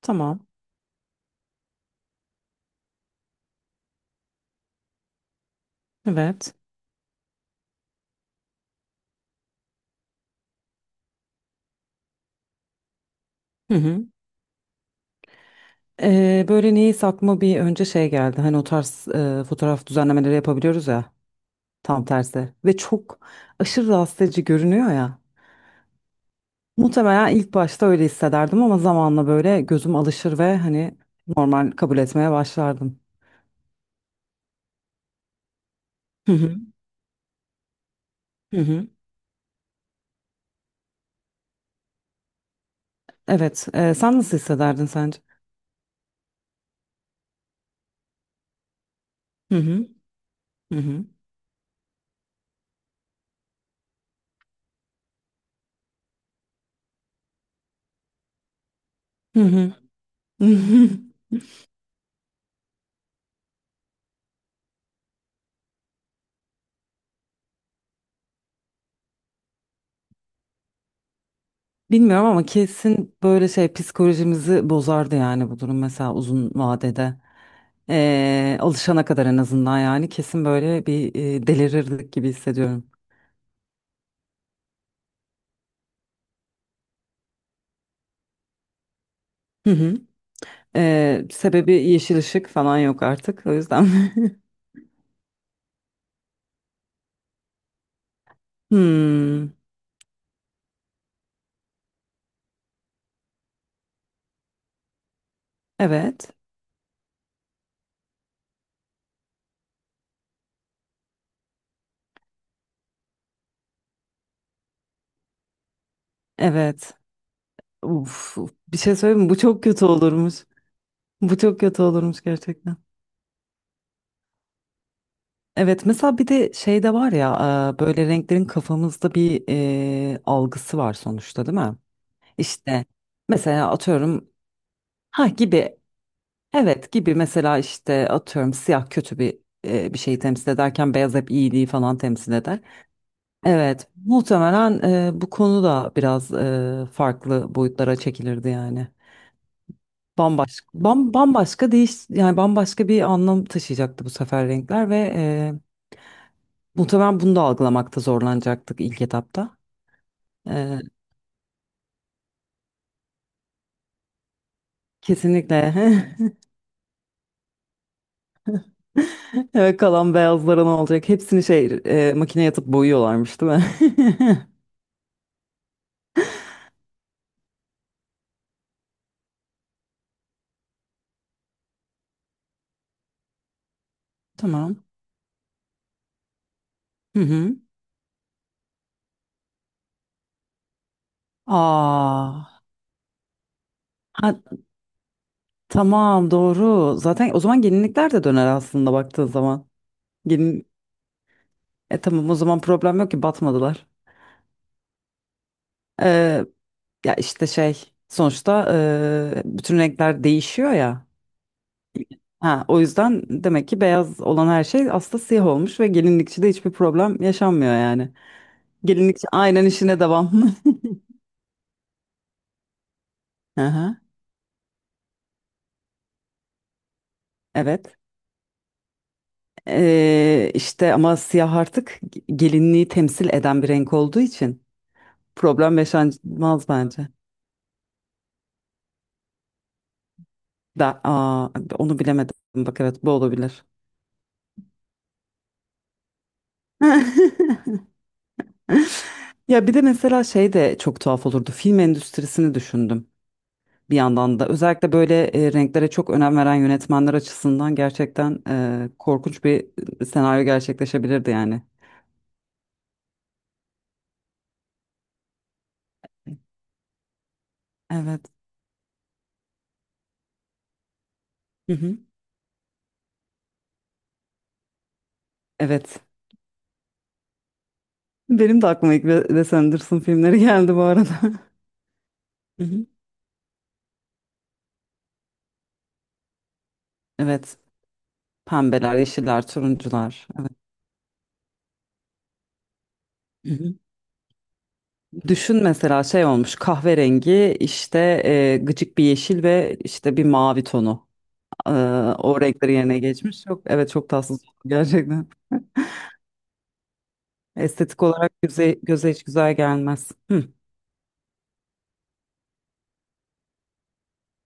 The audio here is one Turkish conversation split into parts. Tamam. Evet. Hı hı. Böyle niyeyse aklıma bir önce şey geldi. Hani o tarz fotoğraf düzenlemeleri yapabiliyoruz ya. Tam tersi. Ve çok aşırı rahatsız edici görünüyor ya. Muhtemelen ilk başta öyle hissederdim ama zamanla böyle gözüm alışır ve hani normal kabul etmeye başlardım. Hı hı. Hı hı. Evet. Sen nasıl hissederdin sence? Hı hı. Hı hı. Hı hı. Bilmiyorum ama kesin böyle şey psikolojimizi bozardı yani bu durum mesela uzun vadede. Alışana kadar en azından yani kesin böyle delirirdik gibi hissediyorum. Hı hı. Sebebi yeşil ışık falan yok artık o yüzden. Hmm, evet, evet. Uf, bir şey söyleyeyim mi? Bu çok kötü olurmuş. Bu çok kötü olurmuş gerçekten. Evet, mesela bir de şey de var ya böyle renklerin kafamızda bir algısı var sonuçta değil mi? İşte mesela atıyorum ha gibi. Evet gibi mesela işte atıyorum siyah kötü bir bir şeyi temsil ederken beyaz hep iyiliği falan temsil eder. Evet muhtemelen bu konu da biraz farklı boyutlara çekilirdi yani. Bambaşka, yani bambaşka bir anlam taşıyacaktı bu sefer renkler ve muhtemelen bunu da algılamakta zorlanacaktık ilk etapta. E, Kesinlikle. Evet kalan beyazlara ne olacak? Hepsini makineye atıp boyuyorlarmış değil mi? Tamam. Hı hı. Aa, ha, tamam doğru. Zaten o zaman gelinlikler de döner aslında baktığın zaman. Gelin, E tamam o zaman problem yok ki batmadılar. Ee, Ya işte şey sonuçta bütün renkler değişiyor ya. Ha, o yüzden demek ki beyaz olan her şey aslında siyah olmuş ve gelinlikçide hiçbir problem yaşanmıyor yani. Gelinlikçi aynen işine devam. Aha, evet. İşte ama siyah artık gelinliği temsil eden bir renk olduğu için. Problem yaşanmaz bence. Da, aa, onu bilemedim. Bak evet bu olabilir. Ya bir de mesela şey de çok tuhaf olurdu. Film endüstrisini düşündüm bir yandan da. Özellikle böyle renklere çok önem veren yönetmenler açısından gerçekten korkunç bir senaryo gerçekleşebilirdi yani. Evet. Hı hı. Evet. Benim de aklıma ilk Wes Anderson filmleri geldi bu arada. Hı hı. Evet. Pembeler, yeşiller, turuncular. Evet. Düşün mesela şey olmuş kahverengi işte gıcık bir yeşil ve işte bir mavi tonu. E, O renkleri yerine geçmiş. Yok evet çok tatsız oldu gerçekten. Estetik olarak göze hiç güzel gelmez. Hı,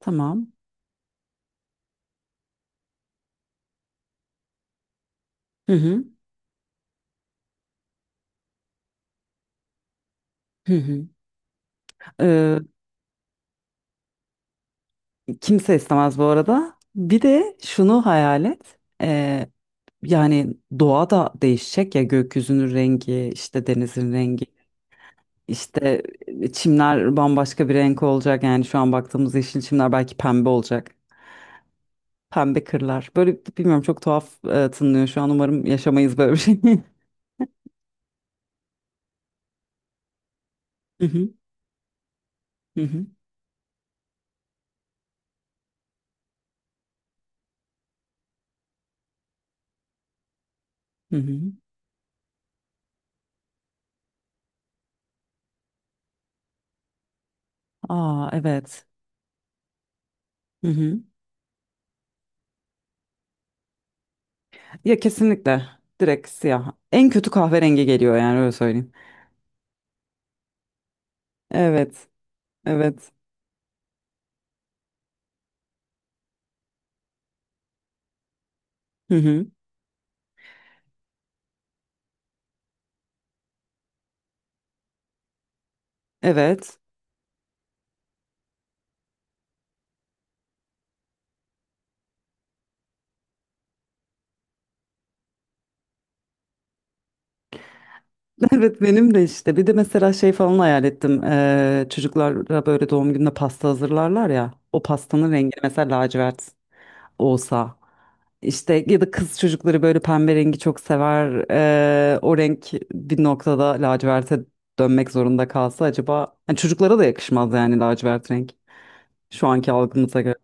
tamam. Hı hı, hı hı. E, Kimse istemez bu arada. Bir de şunu hayal et. Yani doğa da değişecek ya, gökyüzünün rengi, işte denizin rengi. İşte çimler bambaşka bir renk olacak. Yani şu an baktığımız yeşil çimler belki pembe olacak. Pembe kırlar. Böyle bilmiyorum çok tuhaf tınlıyor şu an. Umarım yaşamayız böyle bir şey. Hı hı hı hı. Hı hı. Aa evet. Hı hı. Ya kesinlikle direkt siyah. En kötü kahverengi geliyor yani öyle söyleyeyim. Evet. Evet. Hı hı. Evet. Evet benim de işte. Bir de mesela şey falan hayal ettim. Çocuklara böyle doğum gününe pasta hazırlarlar ya. O pastanın rengi mesela lacivert olsa, işte ya da kız çocukları böyle pembe rengi çok sever, o renk bir noktada laciverte dönmek zorunda kalsa acaba, yani çocuklara da yakışmaz yani lacivert renk şu anki algımıza göre.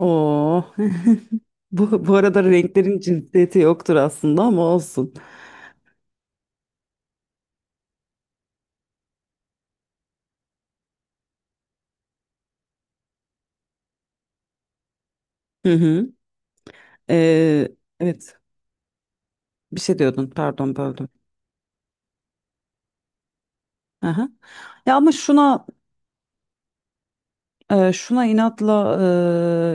Oo. Bu, bu arada renklerin cinsiyeti yoktur aslında ama olsun. Hı hı. Evet, bir şey diyordun pardon böldüm. Aha. Ya ama şuna şuna inatla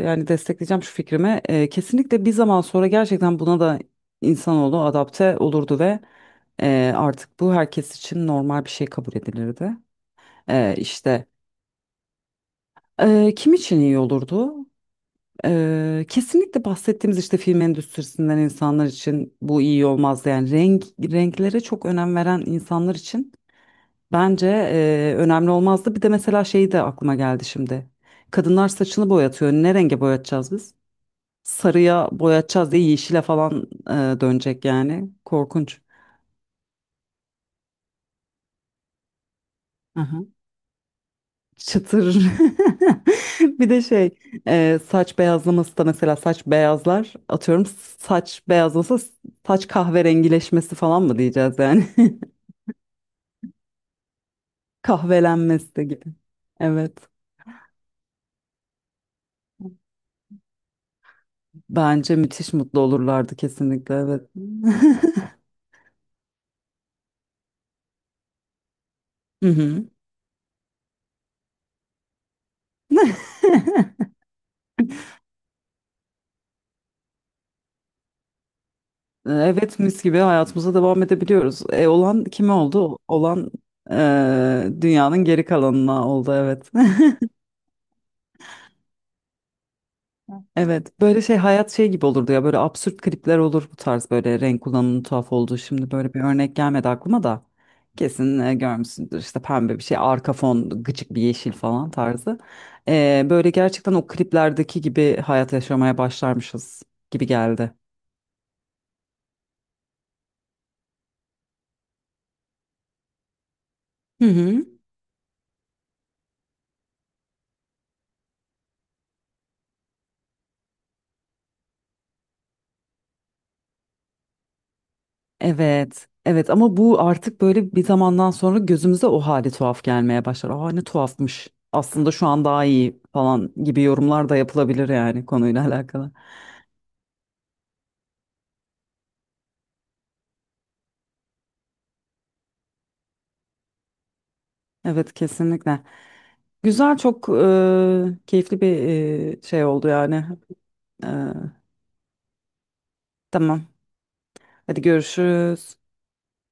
yani destekleyeceğim şu fikrimi. Kesinlikle bir zaman sonra gerçekten buna da insanoğlu adapte olurdu ve artık bu herkes için normal bir şey kabul edilirdi. İşte kim için iyi olurdu? Kesinlikle bahsettiğimiz işte film endüstrisinden insanlar için bu iyi olmazdı. Yani renklere çok önem veren insanlar için bence önemli olmazdı. Bir de mesela şey de aklıma geldi şimdi. Kadınlar saçını boyatıyor. Ne renge boyatacağız biz? Sarıya boyatacağız diye yeşile falan dönecek yani. Korkunç. Aha. Çıtır. Bir de şey saç beyazlaması da mesela saç beyazlar atıyorum saç beyazlasa saç kahverengileşmesi falan mı diyeceğiz yani. Kahvelenmesi de gibi. Evet. Bence müthiş mutlu olurlardı kesinlikle evet. Hı hı. Evet mis gibi hayatımıza devam edebiliyoruz. E, olan kime oldu? Olan dünyanın geri kalanına oldu evet. Evet böyle şey hayat şey gibi olurdu ya, böyle absürt klipler olur bu tarz böyle renk kullanımının tuhaf olduğu. Şimdi böyle bir örnek gelmedi aklıma da kesin görmüşsündür işte pembe bir şey arka fon gıcık bir yeşil falan tarzı. Böyle gerçekten o kliplerdeki gibi hayat yaşamaya başlarmışız gibi geldi. Hı hı. Evet, evet ama bu artık böyle bir zamandan sonra gözümüze o hali tuhaf gelmeye başlar. Aa ne tuhafmış. Aslında şu an daha iyi falan gibi yorumlar da yapılabilir yani konuyla alakalı. Evet kesinlikle. Güzel, çok keyifli bir şey oldu yani. E, tamam. Hadi görüşürüz.